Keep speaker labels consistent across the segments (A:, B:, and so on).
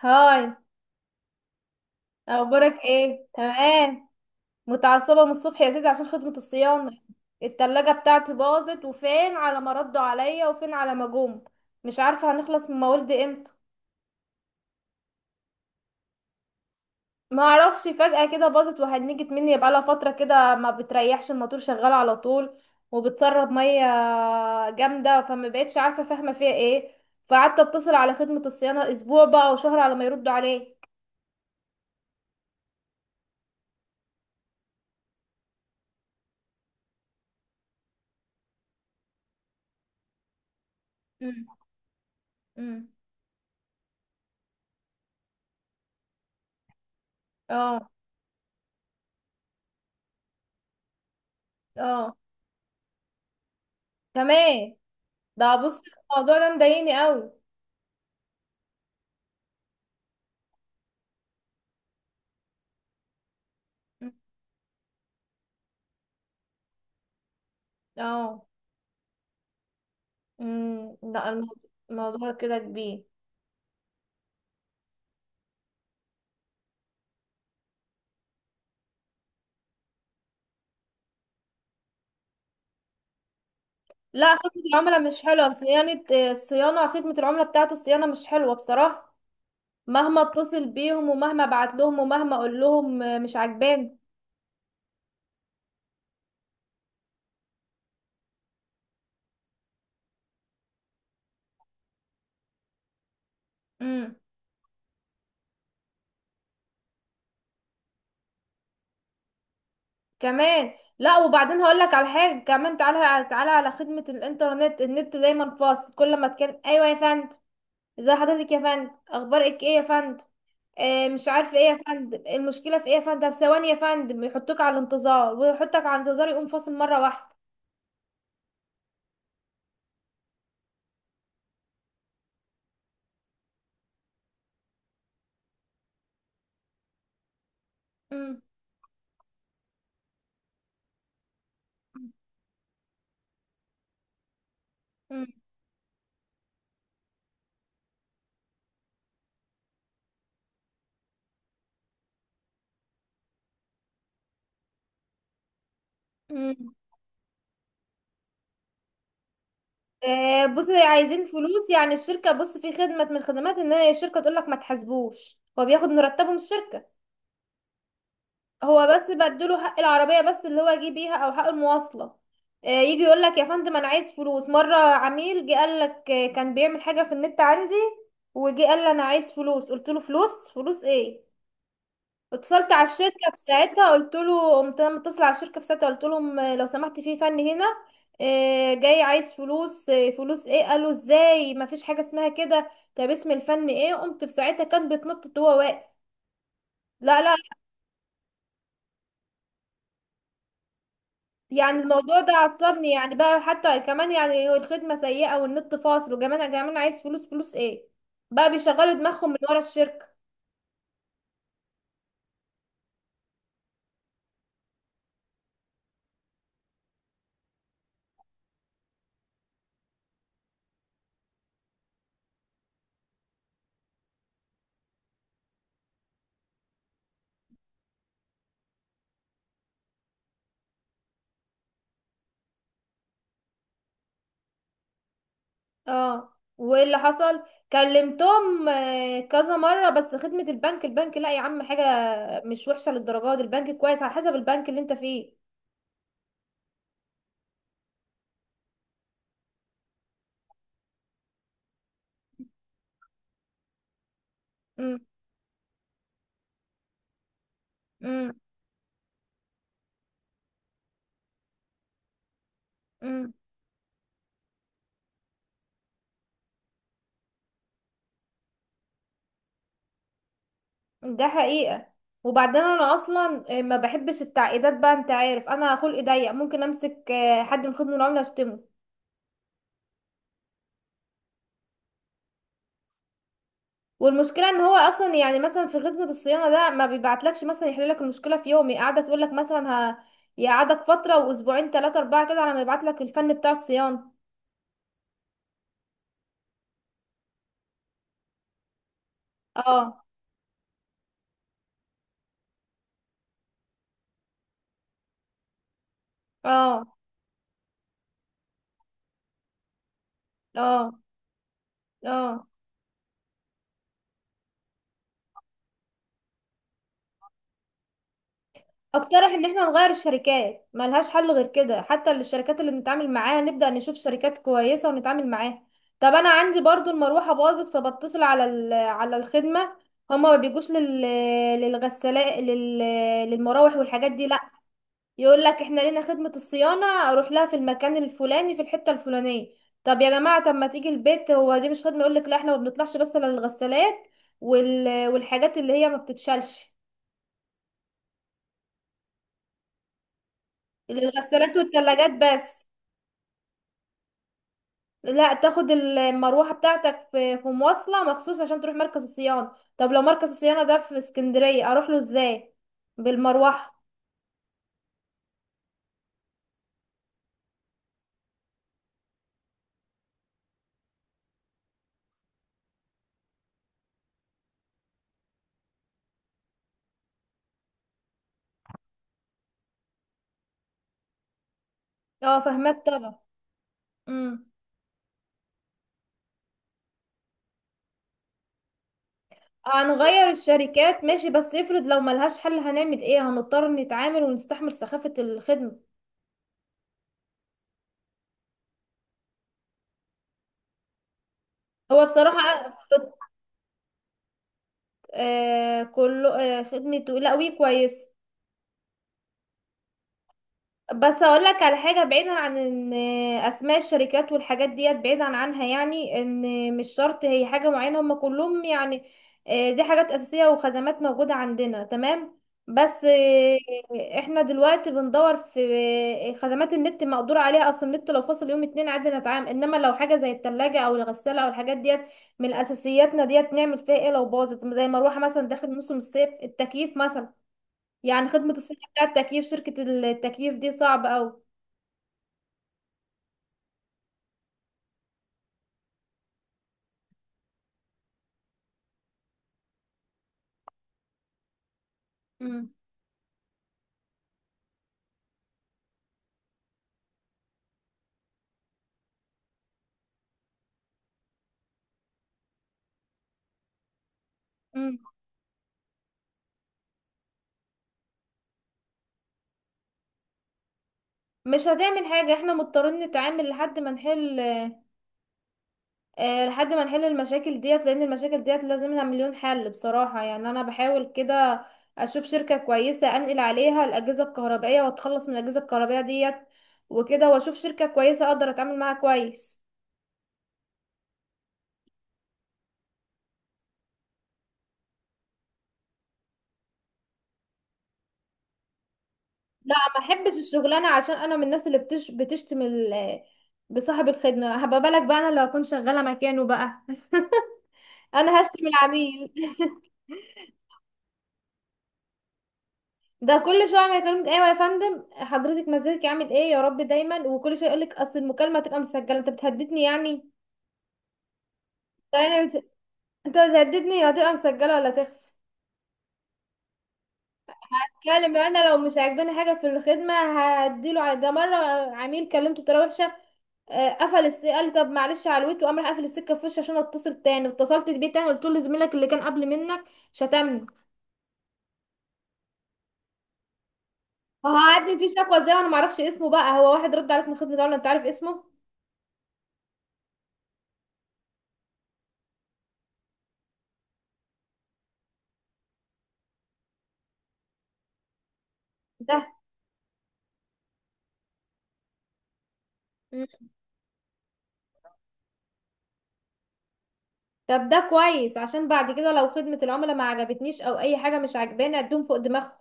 A: هاي. اخبارك ايه؟ تمام. متعصبه من الصبح يا سيدي عشان خدمه الصيانه. التلاجة بتاعتي باظت، وفين على ما ردوا عليا، وفين على ما جم. مش عارفه هنخلص من موالد امتى. ما اعرفش، فجاه كده باظت وهنجت مني، يبقى لها فتره كده ما بتريحش، الموتور شغال على طول وبتسرب ميه جامده، فما بقتش عارفه فاهمه فيها ايه. فقعدت اتصل على خدمه الصيانه، اسبوع بقى وشهر على ما يردوا عليه. امم امم اه اه، تمام. ده بص، الموضوع ده مضايقني قوي. اه. امم، لا، الموضوع كده كبير. لا، خدمة العملاء مش حلوة صيانة. آه، الصيانة، خدمة العملاء بتاعة الصيانة مش حلوة بصراحة. مهما اتصل بيهم، ومهما ابعت لهم، ومهما اقول لهم، آه، مش عجباني. امم. كمان لا، وبعدين هقول لك على حاجة كمان. تعالى تعالى على خدمة الانترنت، النت دايما فاصل. كل ما تكلم: ايوه يا فندم، ازي حضرتك يا فندم، اخبارك ايه يا فندم. آه، مش عارفه ايه يا فندم، المشكله في ايه يا فندم، طب ثواني يا فندم. يحطوك على الانتظار ويحطك على الانتظار، يقوم فاصل مره واحده. مم. مم. مم. آه، بص، عايزين فلوس. يعني الشركه، بص، في خدمه من الخدمات ان هي الشركه تقول لك ما تحاسبوش، هو بياخد مرتبه من الشركه. هو بس بديله حق العربيه بس، اللي هو يجي بيها، او حق المواصله. آه، يجي يقول لك يا فندم انا عايز فلوس. مره عميل جه قال لك آه، كان بيعمل حاجه في النت عندي، وجي قال لي انا عايز فلوس. قلت له: فلوس؟ فلوس ايه؟ اتصلت على الشركه في ساعتها، قلت له، قمت انا متصله على الشركه في ساعتها، قلت لهم آه، لو سمحت، في فن هنا آه، جاي عايز فلوس. آه، فلوس ايه؟ قالوا ازاي، ما فيش حاجه اسمها كده. طب اسم الفن ايه؟ قمت في ساعتها كان بيتنطط وهو واقف. لا، لا. يعني الموضوع ده عصبني، يعني بقى حتى كمان، يعني هو الخدمه سيئه والنت فاصل، وكمان كمان عايز فلوس. فلوس ايه؟ بقى بيشغلوا دماغهم من ورا الشركه. اه، وايه اللي حصل؟ كلمتهم آه، كذا مره، بس خدمه البنك، البنك لا يا عم حاجه، مش وحشه للدرجه دي، البنك كويس على حسب البنك اللي انت فيه. امم. امم. امم. ده حقيقه. وبعدين انا اصلا آه، ما بحبش التعقيدات بقى، انت عارف انا خلقي ضيق، ممكن امسك آه، حد من خدمه العملاء اشتمه. والمشكله ان هو اصلا يعني مثلا في خدمه الصيانه ده، ما بيبعتلكش مثلا يحل لك المشكله في يوم، يقعدك، يقول لك مثلا يقعدك فتره، واسبوعين، ثلاثه اربعه كده على ما يبعت لك الفن بتاع الصيانه. اه. اه. اه. اه. اقترح ان احنا نغير الشركات، ملهاش حل غير كده، حتى الشركات اللي بنتعامل معاها نبدأ نشوف شركات كويسة ونتعامل معاها. طب انا عندي برضو المروحة باظت، فبتصل على على الخدمة. هما ما بيجوش لل، للغسالة، لل، للمراوح والحاجات دي لا. يقول لك: احنا لينا خدمة الصيانة، اروح لها في المكان الفلاني في الحتة الفلانية. طب يا جماعة، طب ما تيجي البيت، هو دي مش خدمة؟ يقول لك: لا احنا ما بنطلعش بس للغسالات والحاجات اللي هي ما بتتشالش. الغسالات والثلاجات بس. لا، تاخد المروحة بتاعتك في مواصلة مخصوص عشان تروح مركز الصيانة. طب لو مركز الصيانة ده في اسكندرية اروح له ازاي؟ بالمروحة؟ اه، فاهمك طبعا. مم. هنغير الشركات ماشي، بس افرض لو ملهاش حل هنعمل ايه؟ هنضطر نتعامل ونستحمل سخافة الخدمة. هو بصراحة خد... آه كله، آه خدمته، لا وي كويس. بس اقول لك على حاجه، بعيدا عن ان اسماء الشركات والحاجات ديت، بعيدا عنها يعني، ان مش شرط هي حاجه معينه، هم كلهم يعني آه، دي حاجات اساسيه وخدمات موجوده عندنا، تمام. بس آه، احنا دلوقتي بندور في آه، خدمات النت مقدور عليها، اصل النت لو فاصل يوم اتنين عادي نتعامل، انما لو حاجه زي التلاجة او الغساله او الحاجات ديت من اساسياتنا، ديت نعمل فيها ايه لو باظت؟ زي المروحه مثلا داخل موسم الصيف، التكييف مثلا، يعني خدمة الصيانة بتاع التكييف، شركة التكييف دي صعبة أوي. امم. مم. مش هتعمل حاجة، احنا مضطرين نتعامل لحد ما نحل. اه، لحد ما نحل المشاكل ديت، لأن المشاكل ديت لازم لها مليون حل. بصراحة يعني أنا بحاول كده أشوف شركة كويسة أنقل عليها الأجهزة الكهربائية وأتخلص من الأجهزة الكهربائية ديت، وكده وأشوف شركة كويسة أقدر أتعامل معاها كويس. لا، ما أحبش الشغلانة، عشان أنا من الناس اللي بتشتم بصاحب الخدمة، هبقى بالك بقى أنا لو أكون شغالة مكانه بقى. انا هشتم العميل. ده كل شويه ما يكلمك: ايوه يا فندم، حضرتك مزاجك عامل ايه يا رب دايما، وكل شويه يقول لك: اصل المكالمه هتبقى مسجله. انت بتهددني يعني؟ يعني انت بتهددني، هتبقى مسجله ولا تخفى. كلم، انا لو مش عاجباني حاجه في الخدمه هديله ده مره عميل كلمته بطريقه وحشه، آه، قفل قال لي طب معلش علويت، وقام راح قافل السكه في وشي. عشان اتصل تاني، اتصلت بيه تاني قلت له: لزميلك اللي كان قبل منك شتمني. هقدم فيه شكوى ازاي وانا ما اعرفش اسمه؟ بقى هو واحد رد عليك من خدمه العملاء انت عارف اسمه؟ ده طب ده كويس، عشان بعد كده لو خدمة العملاء ما عجبتنيش او اي حاجة مش عجباني اديهم فوق دماغهم.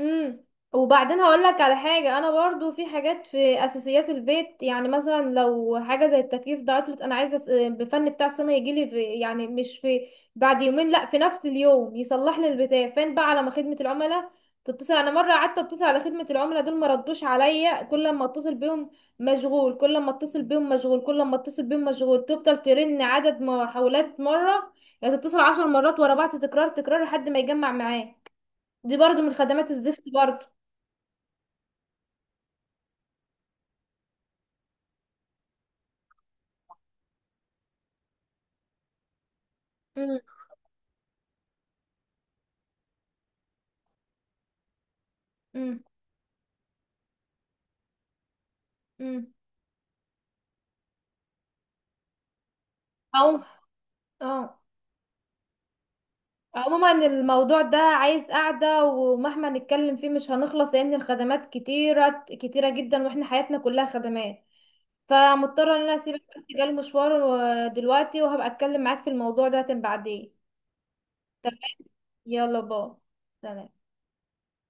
A: امم. وبعدين هقول لك على حاجه، انا برضو في حاجات في اساسيات البيت يعني، مثلا لو حاجه زي التكييف ده عطلت، انا عايزه بفن بتاع سنه يجي لي في، يعني مش في بعد يومين، لا في نفس اليوم يصلح لي البتاع. فين بقى على ما خدمه العملاء تتصل؟ انا مره قعدت اتصل على خدمه العملاء دول، ما ردوش عليا، كل ما اتصل بيهم مشغول، كل ما اتصل بيهم مشغول، كل ما اتصل بيهم مشغول. تفضل ترن عدد محاولات مره، يعني تتصل 10 مرات ورا بعض، تكرار تكرار لحد ما يجمع معاه. دي برضو من خدمات الزفت برضو. امم. امم. امم. او، اه، عموما الموضوع ده عايز قعدة، ومهما نتكلم فيه مش هنخلص، لأن الخدمات كتيرة كتيرة جدا واحنا حياتنا كلها خدمات. فمضطرة ان انا اسيبك، بس جالي مشوار دلوقتي، وهبقى اتكلم معاك في الموضوع ده بعدين. تمام. يلا، باي. سلام.